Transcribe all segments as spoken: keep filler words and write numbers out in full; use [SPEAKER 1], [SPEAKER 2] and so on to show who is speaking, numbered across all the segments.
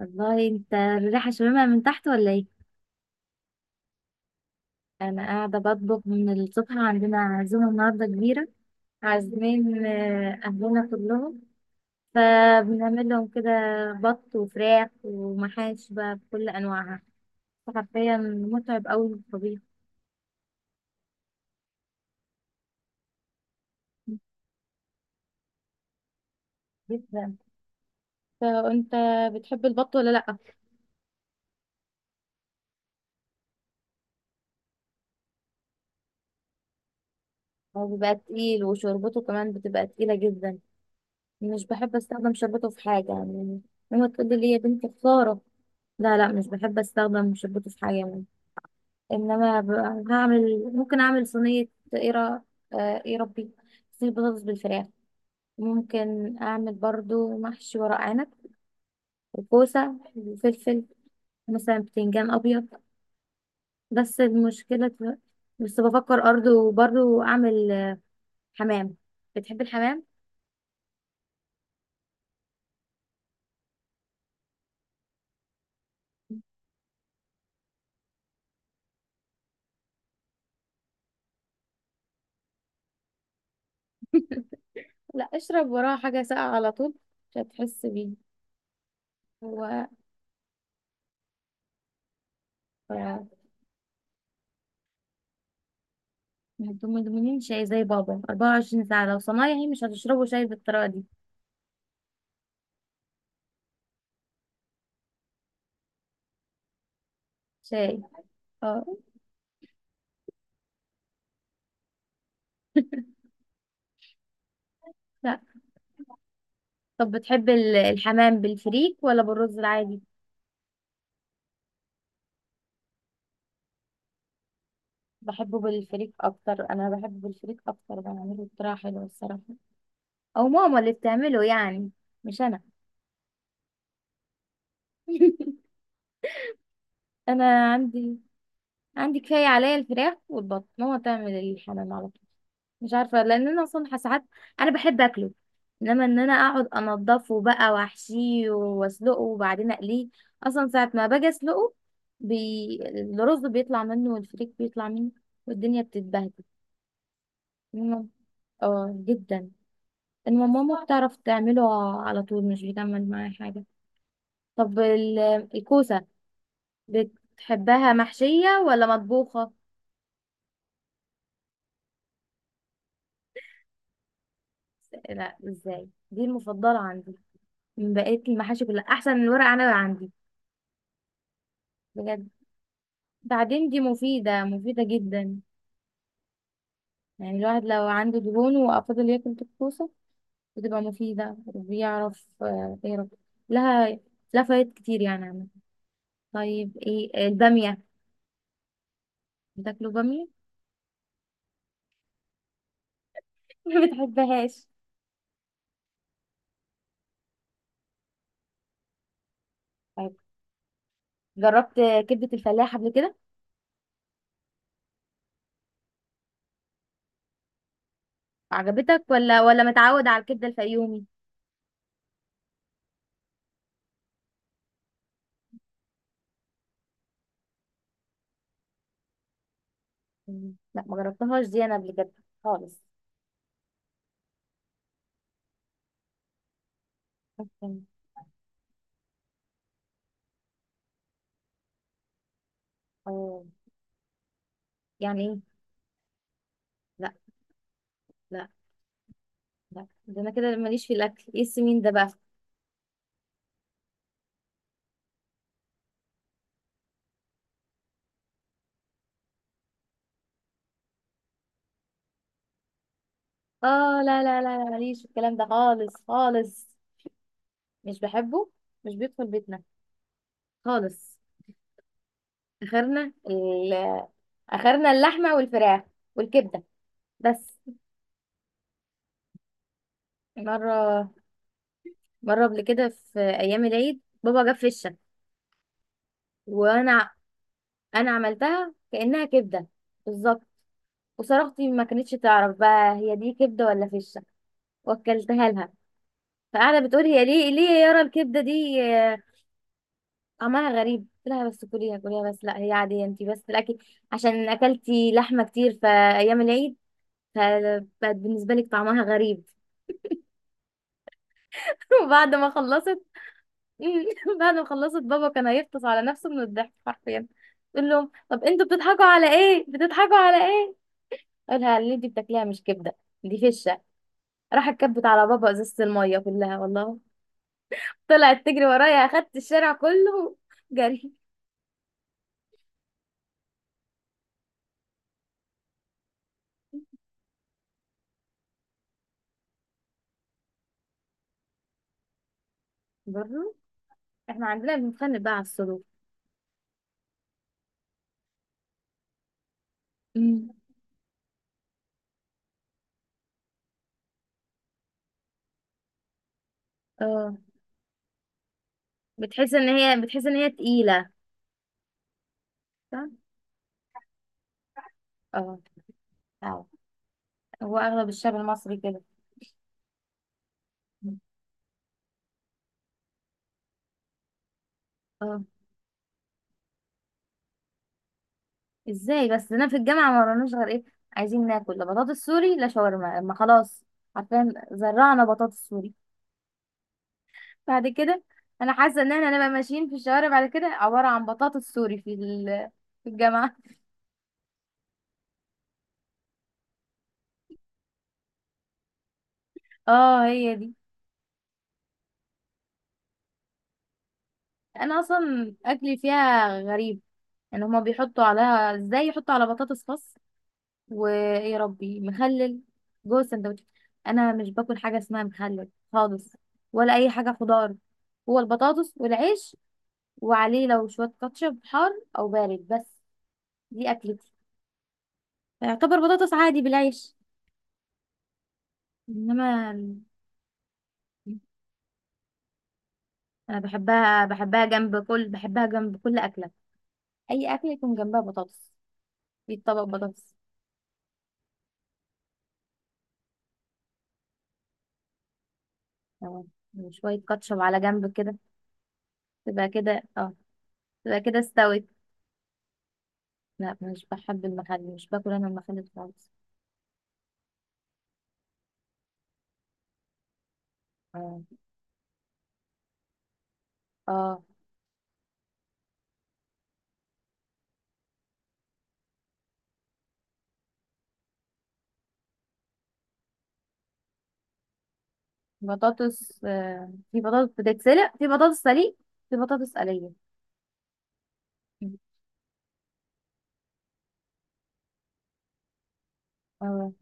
[SPEAKER 1] والله انت الريحة شممها من تحت ولا ايه؟ انا قاعدة بطبخ من الصبح، عندنا عزومة النهاردة كبيرة. عازمين آه، اهلنا كلهم. فبنعمل لهم كده بط وفراخ ومحاش بقى بكل انواعها. حرفيا متعب قوي الطبيخ، جدا. فانت بتحب البط ولا لا؟ هو بيبقى تقيل وشوربته كمان بتبقى تقيلة جدا. مش بحب استخدم شوربته في حاجة يعني. ماما تقول لي يا بنتي خسارة. لا لا، مش بحب استخدم شوربته في حاجة. انما ب- هعمل، ممكن اعمل صينيه. ايه را- آه، إيه ربي، صينيه بطاطس بالفراخ. ممكن اعمل برضو محشي ورق عنب وكوسه وفلفل، مثلا بتنجان ابيض. بس المشكله ت- بس بفكر برضو برضو اعمل آه، حمام. بتحب الحمام؟ لا، اشرب وراه حاجه ساقعه على طول، مش هتحس بيه. هو ف- ما تدمنين شاي زي بابا 24 ساعه، لو صنايعي مش هتشربوا شاي بالطريقه دي. شاي، اه. طب بتحب ال- الحمام بالفريك ولا بالرز العادي؟ بحبه بالفريك اكتر، انا بحبه بالفريك اكتر، بعمله بطريقه حلوه الصراحه، او ماما اللي بتعمله يعني، مش انا. انا عندي عندي كفايه عليا الفراخ والبط، ماما تعمل الحمام على طول. مش عارفه لان انا اصلا ساعات، انا بحب اكله، انما ان انا اقعد انضفه بقى واحشيه واسلقه وبعدين اقليه. اصلا ساعه ما باجي اسلقه، بي... الرز بيطلع منه والفريك بيطلع منه والدنيا بتتبهدل. مم. اه جدا. انما ماما بتعرف تعمله على طول، مش بتعمل معايا حاجة. طب ال- الكوسة بتحبها محشية ولا مطبوخة؟ لا، ازاي دي المفضلة عندي من بقية المحاشي كلها، احسن من الورق عنب عندي، بجد. بعدين دي مفيدة، مفيدة جدا، يعني الواحد لو عنده دهون وافضل ياكل الكوسة، بتبقى مفيدة وبيعرف آه، يعرف لها، لها فوائد كتير يعني عامة. طيب ايه البامية، بتاكلوا بامية؟ ما بتحبهاش؟ طيب جربت كبدة الفلاح قبل كده؟ عجبتك ولا ولا متعود على الكبدة الفيومي؟ مم. لا ما جربتهاش دي انا قبل كده خالص. ممكن؟ اه، يعني ايه؟ لا لا لا، ده انا كده ماليش في الاكل، ايه السمين ده بقى؟ اه لا لا لا لا، ماليش في الكلام ده خالص خالص، مش بحبه، مش بيدخل بيتنا خالص. اخرنا ال... اخرنا اللحمة والفراخ والكبدة بس. مرة، مرة قبل كده في ايام العيد بابا جاب فشة، وانا انا عملتها كانها كبده بالظبط، وصاحبتي ما كانتش تعرف بقى هي دي كبده ولا فشه، واكلتها لها. فقاعده بتقول هي، ليه ليه يا يارا الكبده دي آه، طعمها غريب؟ قلت لها بس كليها كليها، بس لا هي عاديه، انت بس الاكل عشان اكلتي لحمه كتير في ايام العيد فبقت بالنسبه لك طعمها غريب. وبعد ما خلصت، بعد ما خلصت بابا كان هيفطس على نفسه من الضحك حرفيا. تقول لهم طب انتوا بتضحكوا على ايه، بتضحكوا على ايه؟ قالها اللي انت بتاكليها مش كبده، دي فشه. راح كبت على بابا ازازه الميه كلها والله. طلعت تجري ورايا، اخدت الشارع كله جري. برضه احنا عندنا بنتخانق بقى على السلوك. امم، اه. بتحس ان هي بتحس ان هي تقيله. صح، اه، اه. هو اغلب الشعب المصري كده. اه، ازاي بس انا في الجامعه ما وراناش غير ايه، عايزين ناكل لا بطاطس سوري لا شاورما، ما خلاص. عارفين زرعنا بطاطس سوري بعد كده. انا حاسه ان احنا هنبقى ماشيين في الشوارع بعد كده عباره عن بطاطس سوري في ال- في الجامعه. اه هي دي. انا اصلا اكلي فيها غريب، يعني هما بيحطوا عليها ازاي، يحطوا على بطاطس خس، ويا ربي مخلل جوه السندوتش. انا مش باكل حاجه اسمها مخلل خالص، ولا اي حاجه خضار، هو البطاطس والعيش، وعليه لو شويه كاتشب حار او بارد بس. دي اكلتي، يعتبر بطاطس عادي بالعيش. انما انا بحبها، بحبها جنب كل بحبها جنب كل اكله، اي اكله يكون جنبها بطاطس، في طبق بطاطس. اه، وشويه كاتشب على جنب كده. تبقى كده اه، تبقى كده استوت. لا، مش بحب المخلل، مش باكل انا المخلل خالص. اه، اه. بطاطس آه. في بطاطس بتتسلق، في بطاطس سليق، في بطاطس قليه. اه.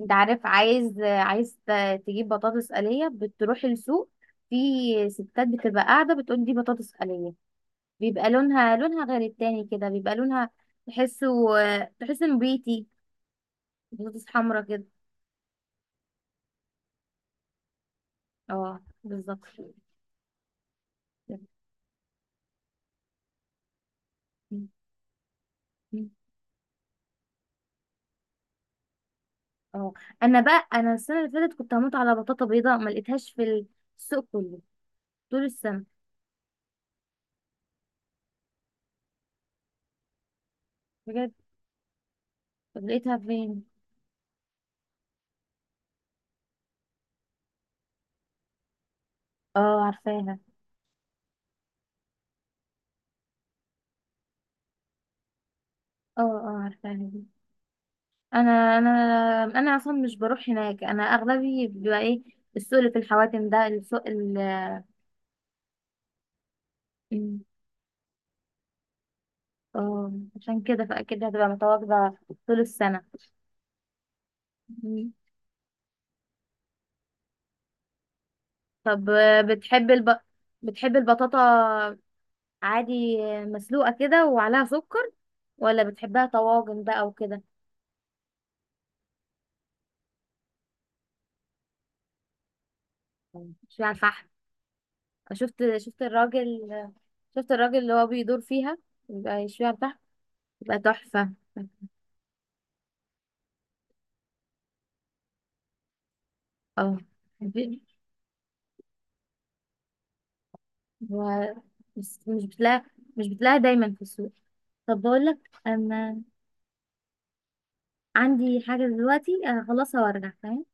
[SPEAKER 1] انت عارف، عايز عايز ت- تجيب بطاطس قليه، بتروح السوق، في ستات بتبقى قاعده بتقول دي بطاطس قليه، بيبقى لونها، لونها غير التاني كده، بيبقى لونها تحسه آه، تحسه نبيتي، بطاطس حمرا كده. اه بالظبط. اه، انا بقى، انا السنه اللي فاتت كنت هموت على بطاطا بيضاء، ما لقيتهاش في السوق كله طول السنه. بجد؟ طب لقيتها فين؟ اه عارفاها، اه اه عارفاها دي. انا انا انا اصلا مش بروح هناك، انا اغلبي بيبقى ايه، السوق اللي في الحواتم ده، السوق ال اه عشان كده فاكيد هتبقى متواجده طول السنه. مم. طب آه، بتحب الب... بتحب البطاطا عادي آه، مسلوقة كده وعليها سكر، ولا بتحبها طواجن بقى وكده، مش على الفحم؟ شفت، شفت الراجل، شفت الراجل اللي هو بيدور فيها يبقى يشويها على الفحم، يبقى تحفة. اه. بي- و... بس مش بتلاقي، مش بتلاقي دايما في السوق. طب بقول لك، انا عندي حاجة دلوقتي اخلصها وارجع تمام.